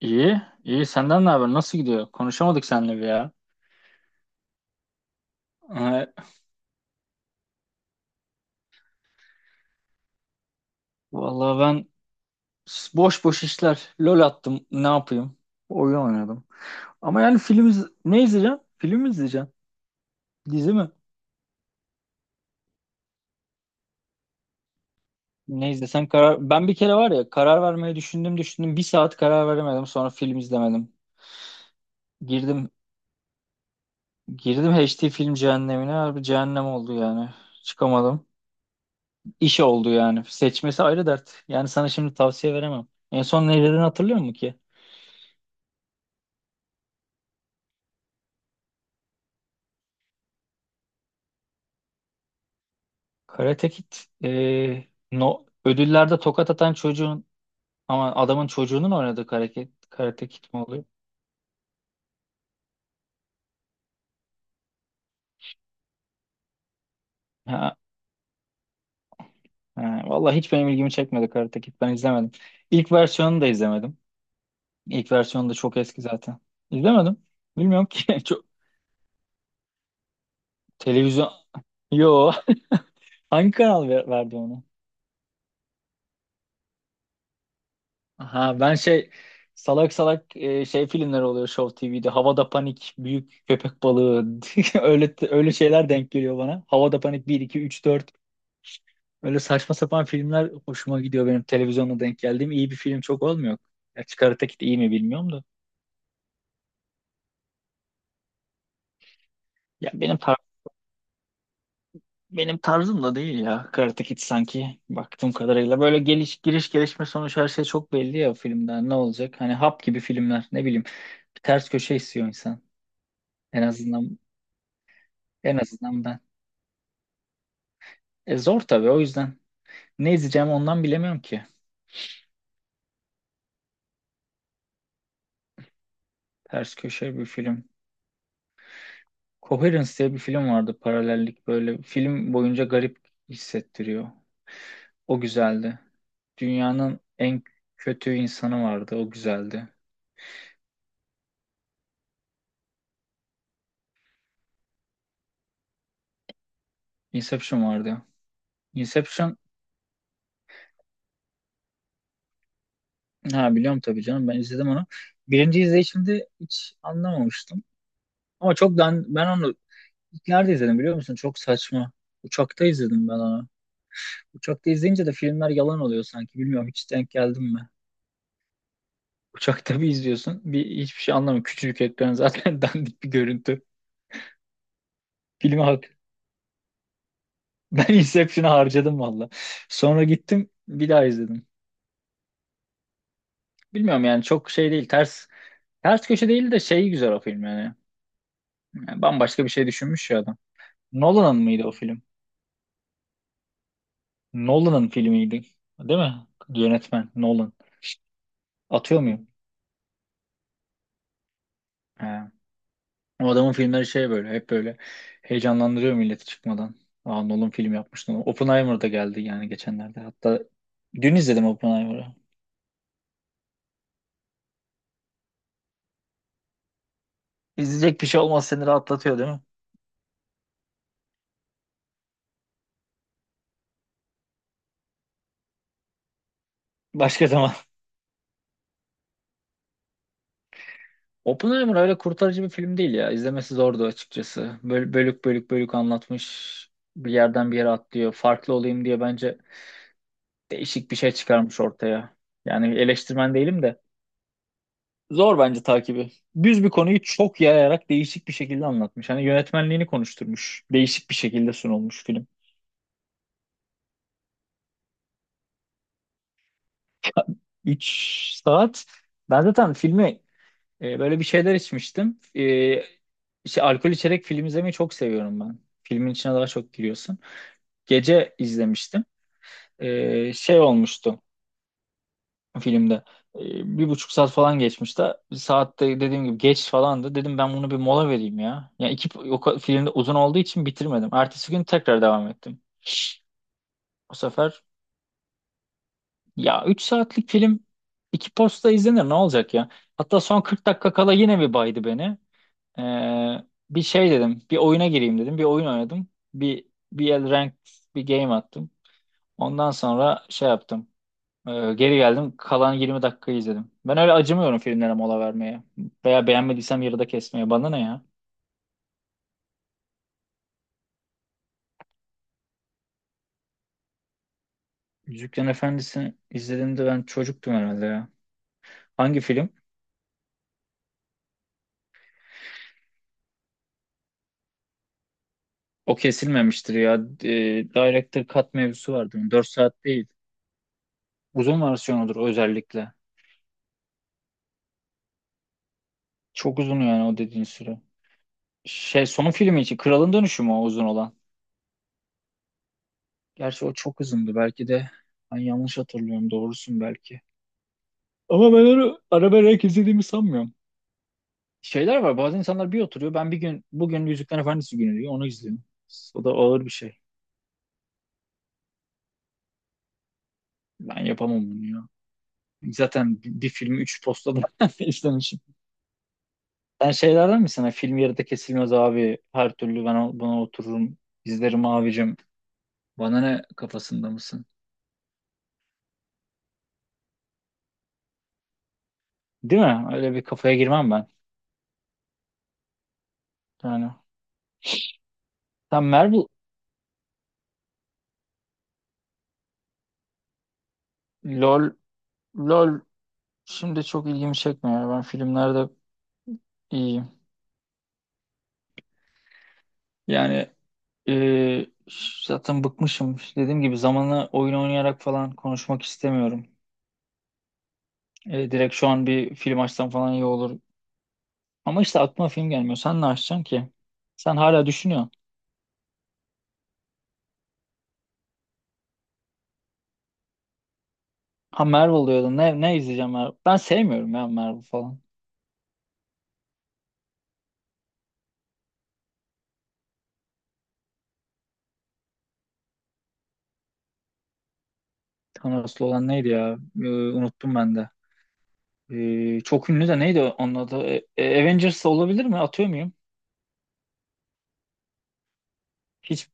İyi, iyi. Senden ne haber? Nasıl gidiyor? Konuşamadık seninle bir ya. Ee, vallahi ben boş boş işler. LOL attım. Ne yapayım? Oyun oynadım. Ama yani film ne izleyeceğim? Film mi izleyeceğim? Dizi mi? Ne izlesen karar... Ben bir kere var ya karar vermeyi düşündüm düşündüm. Bir saat karar veremedim. Sonra film izlemedim. Girdim girdim HD film cehennemine. Harbi cehennem oldu yani. Çıkamadım. İş oldu yani. Seçmesi ayrı dert. Yani sana şimdi tavsiye veremem. En son ne izlediğini hatırlıyor musun ki? Karate Kid e, no, ödüllerde tokat atan çocuğun ama adamın çocuğunun oynadığı Karate Kid mi oluyor? Ha, ha, vallahi hiç benim ilgimi çekmedi Karate Kid. Ben izlemedim. İlk versiyonunu da izlemedim. İlk versiyonu da çok eski zaten. İzlemedim. Bilmiyorum ki. Televizyon. Yo. Hangi kanal verdi onu? Aha, ben şey salak salak şey filmler oluyor Show TV'de. Havada Panik, Büyük Köpek Balığı. Öyle öyle şeyler denk geliyor bana. Havada Panik bir 2 3 dört. Öyle saçma sapan filmler hoşuma gidiyor benim televizyonda denk geldiğim. İyi bir film çok olmuyor. Ya Karate Kid iyi mi bilmiyorum da. Ya benim tar benim tarzım da değil ya Karate Kid sanki baktığım kadarıyla. Böyle geliş giriş gelişme sonuç her şey çok belli ya filmden ne olacak? Hani hap gibi filmler ne bileyim. Bir ters köşe istiyor insan. En azından en azından ben. E zor tabii o yüzden. Ne izleyeceğim ondan bilemiyorum ki. Ters köşe bir film. Coherence diye bir film vardı, paralellik, böyle film boyunca garip hissettiriyor. O güzeldi. Dünyanın en kötü insanı vardı. O güzeldi. Inception vardı. Inception, ha biliyorum tabii canım, ben izledim onu. Birinci izleyişimde hiç anlamamıştım. Ama çok ben onu ilk nerede izledim biliyor musun? Çok saçma. Uçakta izledim ben onu. Uçakta izleyince de filmler yalan oluyor sanki. Bilmiyorum hiç denk geldim mi? Uçakta bir izliyorsun. Bir hiçbir şey anlamıyor. Küçücük ekran, zaten dandik bir görüntü. Filmi hak. Ben Inception'ı harcadım valla. Sonra gittim bir daha izledim. Bilmiyorum yani çok şey değil, ters köşe değil de şey, güzel o film yani. Yani bambaşka bir şey düşünmüş ya adam. Nolan'ın mıydı o film? Nolan'ın filmiydi. Değil mi? Yönetmen Nolan. Atıyor muyum? He. O adamın filmleri şey, böyle hep böyle heyecanlandırıyor milleti çıkmadan. Aa, Nolan film yapmış. Nolan. Oppenheimer da geldi yani geçenlerde. Hatta dün izledim Oppenheimer'ı. İzleyecek bir şey olmaz seni rahatlatıyor değil mi? Başka zaman. Oppenheimer öyle kurtarıcı bir film değil ya. İzlemesi zordu açıkçası. Böyle bölük bölük anlatmış. Bir yerden bir yere atlıyor. Farklı olayım diye bence değişik bir şey çıkarmış ortaya. Yani eleştirmen değilim de. Zor bence takibi. Düz bir konuyu çok yayarak değişik bir şekilde anlatmış. Hani yönetmenliğini konuşturmuş. Değişik bir şekilde sunulmuş film. 3 saat. Ben zaten filmi böyle bir şeyler içmiştim. İşte alkol içerek film izlemeyi çok seviyorum ben. Filmin içine daha çok giriyorsun. Gece izlemiştim. Şey olmuştu filmde. 1,5 saat falan geçmişti. Saatte dediğim gibi geç falandı. Dedim ben bunu bir mola vereyim ya. Yani film de uzun olduğu için bitirmedim. Ertesi gün tekrar devam ettim. Bu sefer ya 3 saatlik film iki posta izlenir, ne olacak ya? Hatta son 40 dakika kala yine bir baydı beni. Ee, bir şey dedim. Bir oyuna gireyim dedim. Bir oyun oynadım. Bir bir el rank, bir game attım. Ondan sonra şey yaptım. Geri geldim. Kalan 20 dakikayı izledim. Ben öyle acımıyorum filmlere mola vermeye. Veya beğenmediysem yarıda kesmeye. Bana ne ya? Yüzüklerin Efendisi'ni izlediğimde ben çocuktum herhalde ya. Hangi film? O kesilmemiştir ya. Ee, Director Cut mevzusu vardı. 4 saat değil. Uzun versiyonudur özellikle. Çok uzun yani o dediğin süre. Şey, son filmi için Kralın Dönüşü mü o uzun olan? Gerçi o çok uzundu. Belki de ben yanlış hatırlıyorum. Doğrusun belki. Ama ben onu ara vererek izlediğimi sanmıyorum. Şeyler var. Bazı insanlar bir oturuyor. Ben bir gün bugün Yüzükler Efendisi günü diyor. Onu izliyorum. O da ağır bir şey. Ben yapamam bunu ya. Zaten bir filmi 3 postada izlemişim. Sen şeylerden misin? Hani film yarıda kesilmez abi. Her türlü ben buna otururum. İzlerim abicim. Bana ne kafasında mısın? Değil mi? Öyle bir kafaya girmem ben. Yani. Sen Marvel LOL LOL şimdi çok ilgimi çekmiyor. Ben filmlerde iyiyim. Yani. Ee, zaten bıkmışım. Dediğim gibi zamanı oyun oynayarak falan konuşmak istemiyorum. Direkt şu an bir film açsam falan iyi olur. Ama işte aklıma film gelmiyor. Sen ne açacaksın ki? Sen hala düşünüyorsun. Ha, Marvel diyordun. Ne izleyeceğim Marvel? Ben sevmiyorum ya Marvel falan. Thanos'lu olan neydi ya? Unuttum ben de. Çok ünlü de neydi onun adı? Avengers olabilir mi? Atıyor muyum? Hiç.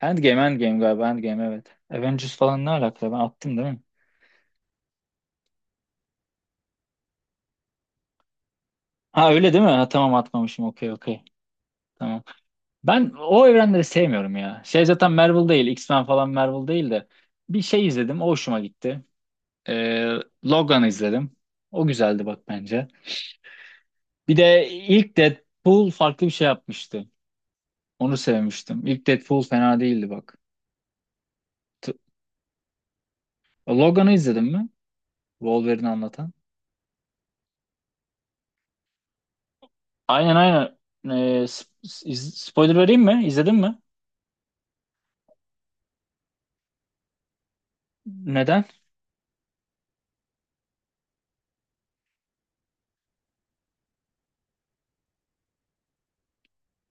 Endgame, Endgame galiba. Endgame evet. Avengers falan ne alaka? Ben attım değil mi? Ha öyle değil mi? Ha, tamam atmamışım. Okey okey. Tamam. Ben o evrenleri sevmiyorum ya. Şey, zaten Marvel değil. X-Men falan Marvel değil de. Bir şey izledim. O hoşuma gitti. Ee, Logan'ı izledim. O güzeldi bak bence. Bir de ilk Deadpool farklı bir şey yapmıştı. Onu sevmiştim. İlk Deadpool fena değildi bak. T- Logan'ı izledin mi? Wolverine'i anlatan. Aynen aynen. Ee, sp- spoiler vereyim mi? İzledin mi? Neden?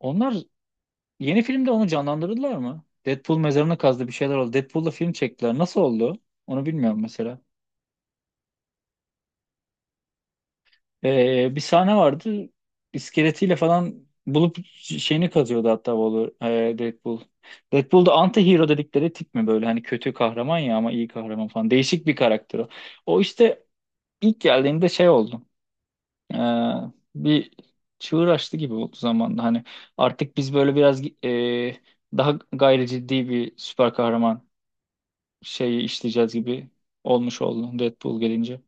Onlar Yeni filmde onu canlandırdılar mı? Deadpool mezarını kazdı, bir şeyler oldu. Deadpool'la film çektiler. Nasıl oldu? Onu bilmiyorum mesela. Bir sahne vardı. İskeletiyle falan bulup şeyini kazıyordu hatta Wahlberg, Deadpool. Deadpool da anti-hero dedikleri tip mi böyle? Hani kötü kahraman ya ama iyi kahraman falan. Değişik bir karakter o. O işte ilk geldiğinde şey oldu. Ee, bir çığır açtı gibi oldu zamanında. Hani artık biz böyle biraz daha gayri ciddi bir süper kahraman şeyi işleyeceğiz gibi olmuş oldu Deadpool gelince.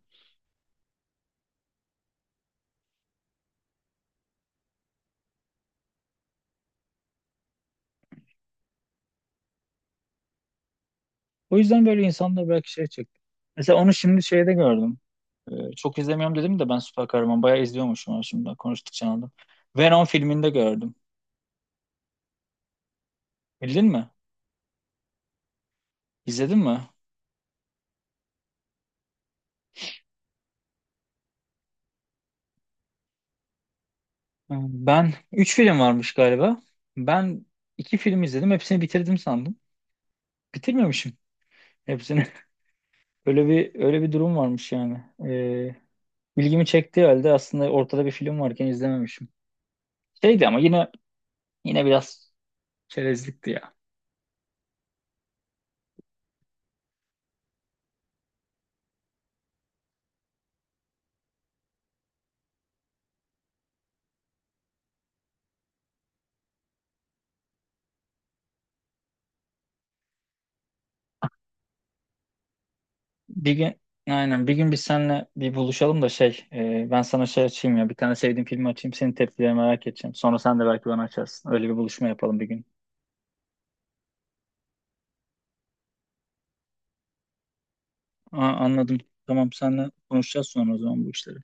O yüzden böyle insanlar belki şey çekti. Mesela onu şimdi şeyde gördüm. Çok izlemiyorum dedim de ben süper kahraman bayağı izliyormuşum, ha şimdi ben konuştukça anladım. Venom filminde gördüm. Bildin mi? İzledin mi? Ben 3 film varmış galiba. Ben 2 film izledim. Hepsini bitirdim sandım. Bitirmemişim hepsini. Öyle bir durum varmış yani. Ee, ilgimi çektiği halde aslında ortada bir film varken izlememişim. Şeydi ama yine biraz çerezlikti ya. Bir gün aynen bir gün biz seninle bir buluşalım da şey, ben sana şey açayım ya, bir tane sevdiğim filmi açayım, senin tepkilerini merak edeceğim. Sonra sen de belki bana açarsın. Öyle bir buluşma yapalım bir gün. Aa, anladım. Tamam, seninle konuşacağız sonra o zaman bu işleri.